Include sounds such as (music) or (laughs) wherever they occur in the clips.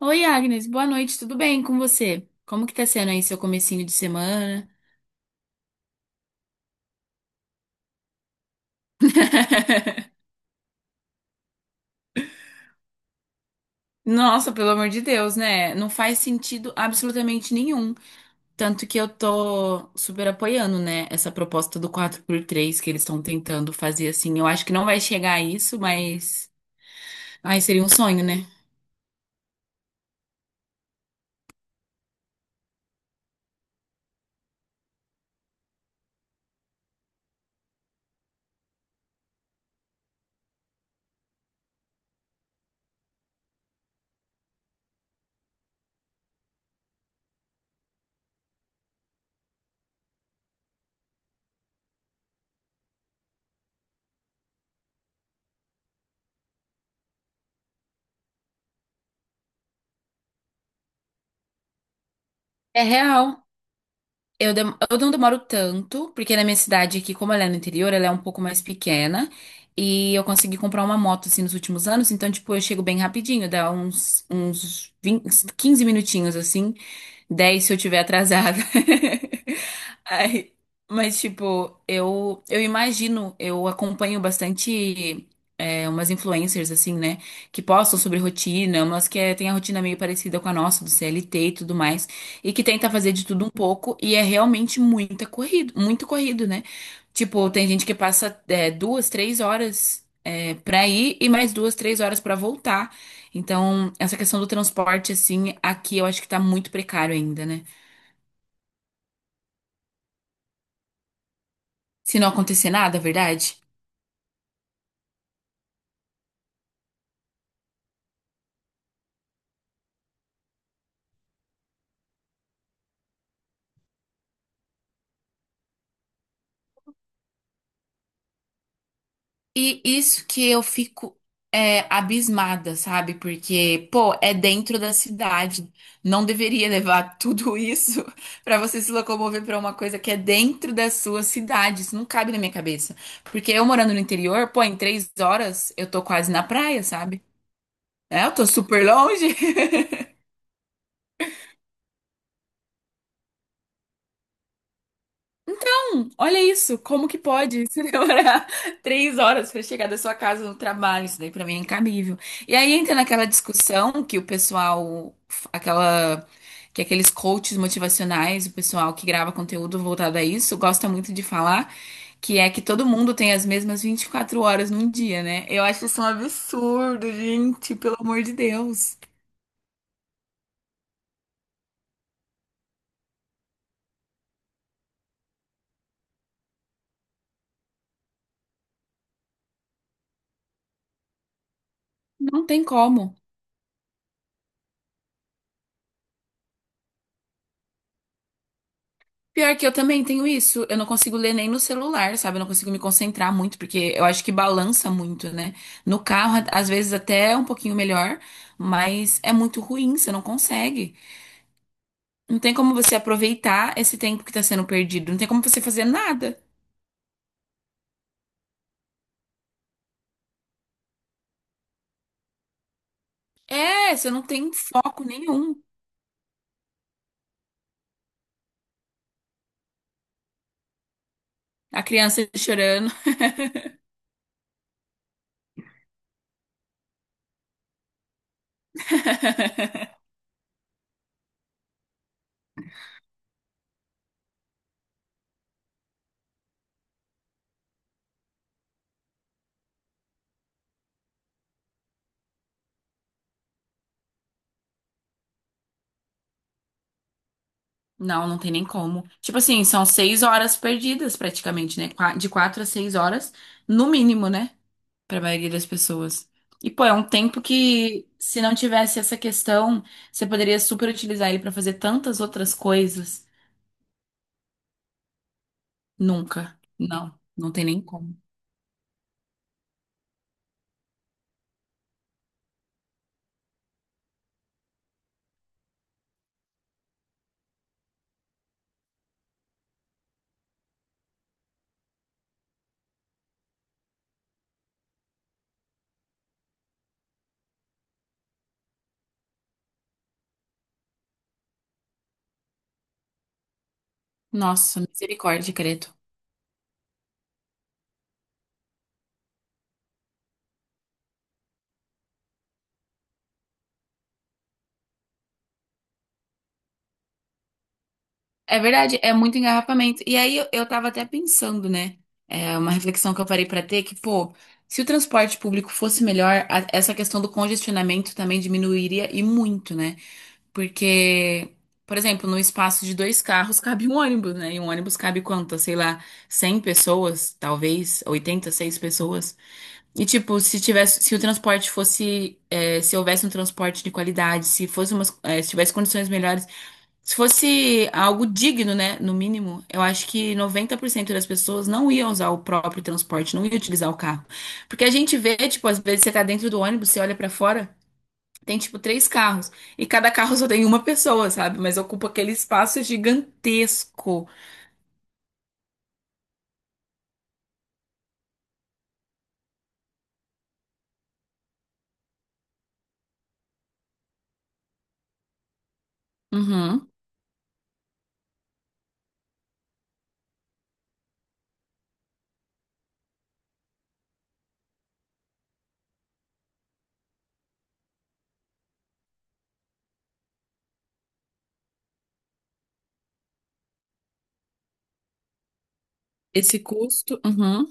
Oi, Agnes, boa noite, tudo bem com você? Como que tá sendo aí seu comecinho de semana? (laughs) Nossa, pelo amor de Deus, né? Não faz sentido absolutamente nenhum. Tanto que eu tô super apoiando, né? Essa proposta do quatro por três que eles estão tentando fazer assim. Eu acho que não vai chegar a isso, mas. Ai, seria um sonho, né? É real. Eu, dem- eu não demoro tanto, porque na minha cidade aqui, como ela é no interior, ela é um pouco mais pequena. E eu consegui comprar uma moto, assim, nos últimos anos. Então, tipo, eu chego bem rapidinho. Dá uns 20, uns minutinhos, assim, 10 se eu tiver atrasada. (laughs) Aí, mas, tipo, eu imagino, eu acompanho bastante umas influencers, assim, né? Que postam sobre rotina, umas que tem a rotina meio parecida com a nossa, do CLT e tudo mais. E que tenta fazer de tudo um pouco, e é realmente muita corrido, muito corrido, né? Tipo, tem gente que passa duas, três horas pra ir e mais duas, três horas pra voltar. Então, essa questão do transporte, assim, aqui eu acho que tá muito precário ainda, né? Se não acontecer nada, é verdade? E isso que eu fico abismada, sabe? Porque, pô, é dentro da cidade. Não deveria levar tudo isso (laughs) pra você se locomover pra uma coisa que é dentro da sua cidade. Isso não cabe na minha cabeça. Porque eu morando no interior, pô, em 3 horas eu tô quase na praia, sabe? É, eu tô super longe. (laughs) Olha isso, como que pode se (laughs) demorar 3 horas para chegar da sua casa no trabalho? Isso daí para mim é incabível. E aí entra naquela discussão que o pessoal, aquela, que aqueles coaches motivacionais, o pessoal que grava conteúdo voltado a isso, gosta muito de falar, que é que todo mundo tem as mesmas 24 horas num dia, né? Eu acho isso um absurdo, gente, pelo amor de Deus. Não tem como. Pior que eu também tenho isso. Eu não consigo ler nem no celular, sabe? Eu não consigo me concentrar muito, porque eu acho que balança muito, né? No carro, às vezes até é um pouquinho melhor, mas é muito ruim, você não consegue. Não tem como você aproveitar esse tempo que tá sendo perdido. Não tem como você fazer nada. É, você não tem foco nenhum. A criança chorando. (laughs) Não, não tem nem como. Tipo assim, são 6 horas perdidas praticamente, né? De 4 a 6 horas, no mínimo, né? Para a maioria das pessoas. E, pô, é um tempo que, se não tivesse essa questão, você poderia super utilizar ele para fazer tantas outras coisas. Nunca. Não, não tem nem como. Nossa, misericórdia, Creto. É verdade, é muito engarrafamento. E aí eu tava até pensando, né? É uma reflexão que eu parei para ter que, pô, se o transporte público fosse melhor, essa questão do congestionamento também diminuiria e muito, né? Porque, por exemplo, no espaço de dois carros cabe um ônibus, né? E um ônibus cabe quantas? Sei lá, 100 pessoas, talvez, 86 pessoas. E, tipo, se tivesse, se o transporte fosse, se houvesse um transporte de qualidade, se fosse umas, se tivesse condições melhores, se fosse algo digno, né? No mínimo, eu acho que 90% das pessoas não iam usar o próprio transporte, não iam utilizar o carro. Porque a gente vê, tipo, às vezes você tá dentro do ônibus, você olha pra fora. Tem tipo três carros. E cada carro só tem uma pessoa, sabe? Mas ocupa aquele espaço gigantesco. Uhum. Esse custo, uhum.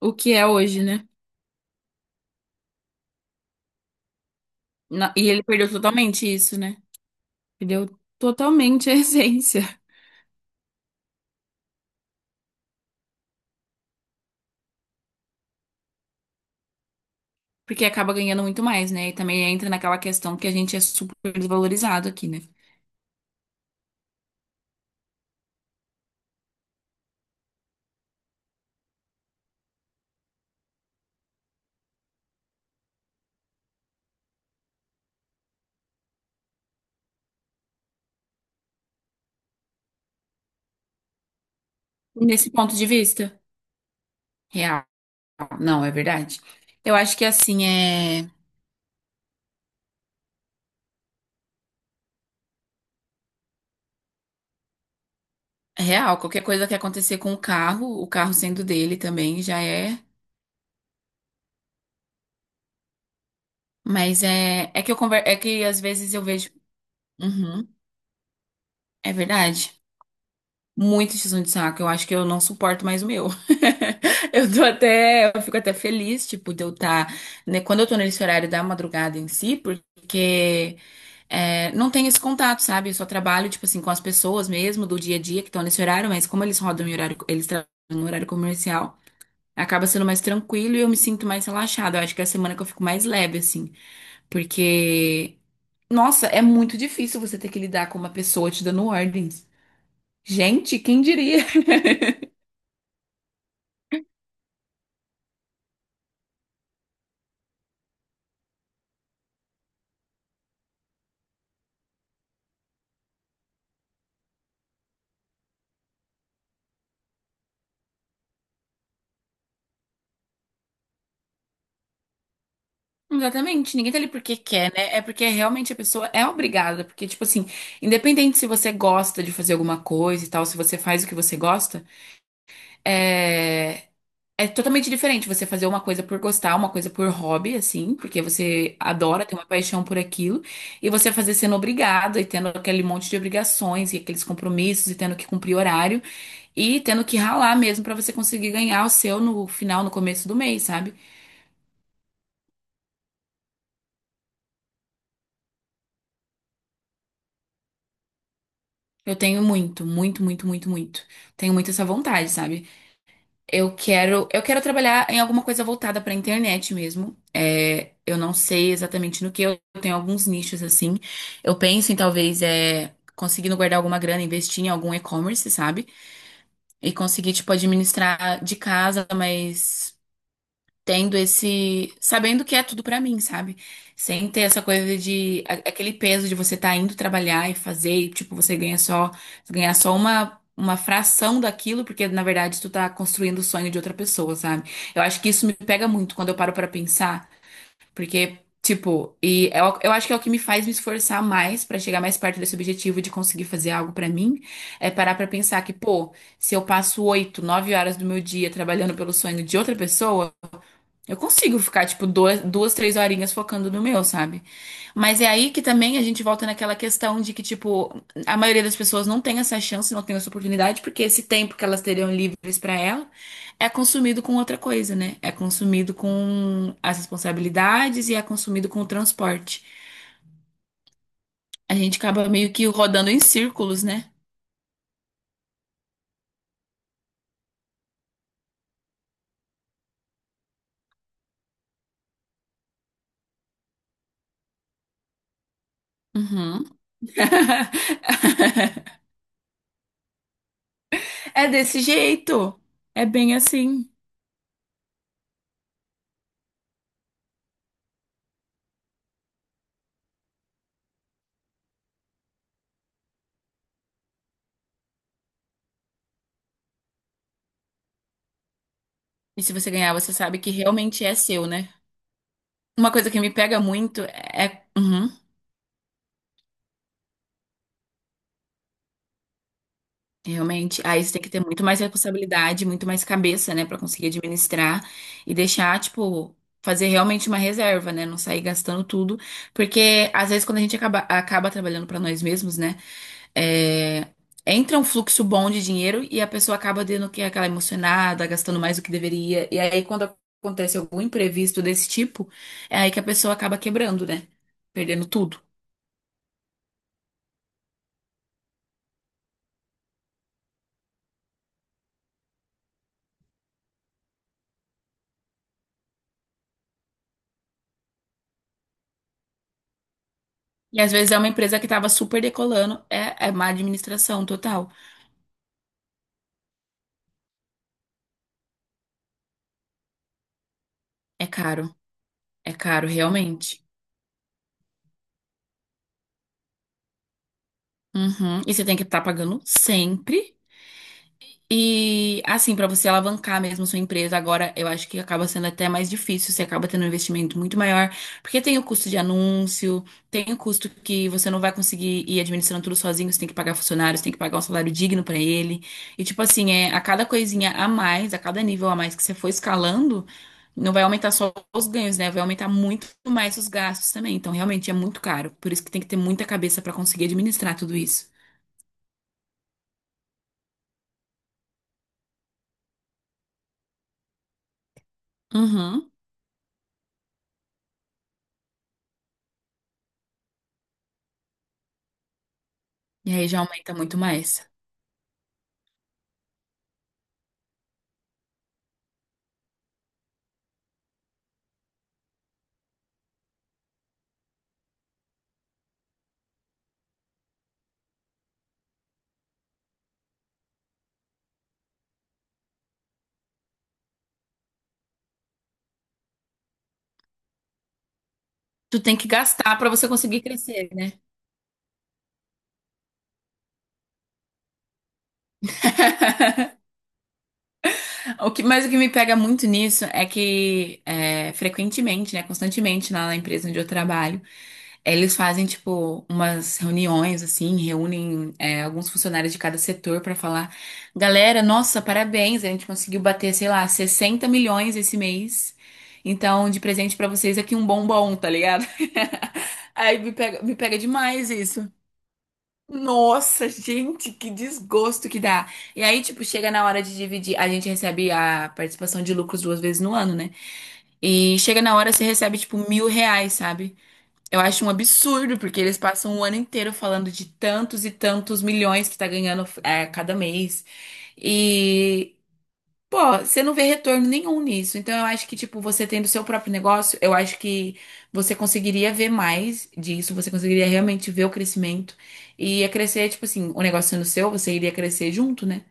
O que é hoje, né? E ele perdeu totalmente isso, né? Perdeu totalmente a (laughs) essência. Porque acaba ganhando muito mais, né? E também entra naquela questão que a gente é super desvalorizado aqui, né? Nesse ponto de vista. Real. Não, é verdade. Eu acho que assim é. É real, qualquer coisa que acontecer com o carro sendo dele também já é. Mas é que eu conver... é que às vezes eu vejo. Uhum, é verdade. Muito tiozão de saco. Eu acho que eu não suporto mais o meu. (laughs) Eu tô até. Eu fico até feliz, tipo, de eu estar. Né, quando eu tô nesse horário da madrugada em si, porque não tem esse contato, sabe? Eu só trabalho, tipo assim, com as pessoas mesmo do dia a dia que estão nesse horário, mas como eles rodam em horário, eles trabalham no horário comercial, acaba sendo mais tranquilo e eu me sinto mais relaxada. Eu acho que é a semana que eu fico mais leve, assim. Porque, nossa, é muito difícil você ter que lidar com uma pessoa te dando ordens. Gente, quem diria? (laughs) Exatamente, ninguém tá ali porque quer, né? É porque realmente a pessoa é obrigada. Porque, tipo assim, independente se você gosta de fazer alguma coisa e tal, se você faz o que você gosta, é. É totalmente diferente você fazer uma coisa por gostar, uma coisa por hobby, assim, porque você adora, tem uma paixão por aquilo, e você fazer sendo obrigado e tendo aquele monte de obrigações e aqueles compromissos e tendo que cumprir horário e tendo que ralar mesmo pra você conseguir ganhar o seu no final, no começo do mês, sabe? Eu tenho muito, muito, muito, muito, muito. Tenho muito essa vontade, sabe? Eu quero trabalhar em alguma coisa voltada para a internet mesmo. É, eu não sei exatamente no que eu tenho alguns nichos assim. Eu penso em talvez conseguindo guardar alguma grana, investir em algum e-commerce, sabe? E conseguir tipo administrar de casa, mas tendo esse, sabendo que é tudo pra mim, sabe? Sem ter essa coisa de aquele peso de você tá indo trabalhar e fazer, e, tipo, você ganha só, ganhar só uma fração daquilo, porque na verdade tu tá construindo o sonho de outra pessoa, sabe? Eu acho que isso me pega muito quando eu paro pra pensar, porque tipo, e eu acho que é o que me faz me esforçar mais pra chegar mais perto desse objetivo de conseguir fazer algo pra mim, é parar pra pensar que, pô, se eu passo oito, nove horas do meu dia trabalhando pelo sonho de outra pessoa, eu consigo ficar, tipo, duas, duas, três horinhas focando no meu, sabe? Mas é aí que também a gente volta naquela questão de que, tipo, a maioria das pessoas não tem essa chance, não tem essa oportunidade, porque esse tempo que elas teriam livres pra ela é consumido com outra coisa, né? É consumido com as responsabilidades e é consumido com o transporte. A gente acaba meio que rodando em círculos, né? Uhum. (laughs) É desse jeito. É bem assim. E se você ganhar, você sabe que realmente é seu, né? Uma coisa que me pega muito uhum, realmente, aí você tem que ter muito mais responsabilidade, muito mais cabeça, né, pra conseguir administrar e deixar, tipo, fazer realmente uma reserva, né, não sair gastando tudo, porque às vezes quando a gente acaba trabalhando pra nós mesmos, né, é, entra um fluxo bom de dinheiro e a pessoa acaba tendo que aquela emocionada, gastando mais do que deveria, e aí quando acontece algum imprevisto desse tipo, é aí que a pessoa acaba quebrando, né, perdendo tudo. E às vezes é uma empresa que estava super decolando, é má administração total. É caro, é caro realmente. Uhum. E você tem que estar pagando sempre. E assim, para você alavancar mesmo sua empresa agora, eu acho que acaba sendo até mais difícil, você acaba tendo um investimento muito maior, porque tem o custo de anúncio, tem o custo que você não vai conseguir ir administrando tudo sozinho, você tem que pagar funcionários, tem que pagar um salário digno para ele. E tipo assim, é a cada coisinha a mais, a cada nível a mais que você for escalando, não vai aumentar só os ganhos, né? Vai aumentar muito mais os gastos também. Então, realmente é muito caro, por isso que tem que ter muita cabeça para conseguir administrar tudo isso. Uhum. E aí já aumenta muito mais. Tu tem que gastar para você conseguir crescer, né? Mas o que me pega muito nisso é que frequentemente, né, constantemente lá na empresa onde eu trabalho, eles fazem tipo umas reuniões assim, reúnem alguns funcionários de cada setor para falar, galera, nossa, parabéns, a gente conseguiu bater, sei lá, 60 milhões esse mês. Então, de presente para vocês aqui um bombom, tá ligado? (laughs) Aí me pega demais isso. Nossa, gente, que desgosto que dá. E aí, tipo, chega na hora de dividir. A gente recebe a participação de lucros duas vezes no ano, né? E chega na hora, você recebe, tipo, R$ 1.000, sabe? Eu acho um absurdo, porque eles passam o ano inteiro falando de tantos e tantos milhões que tá ganhando cada mês. E, pô, você não vê retorno nenhum nisso. Então, eu acho que, tipo, você tendo seu próprio negócio, eu acho que você conseguiria ver mais disso, você conseguiria realmente ver o crescimento. E ia crescer, tipo assim, o negócio sendo seu, você iria crescer junto, né?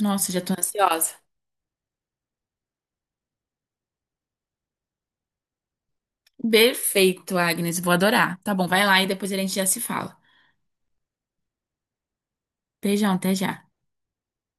Nossa, já tô ansiosa. Perfeito, Agnes, vou adorar. Tá bom, vai lá e depois a gente já se fala. Beijão, até já.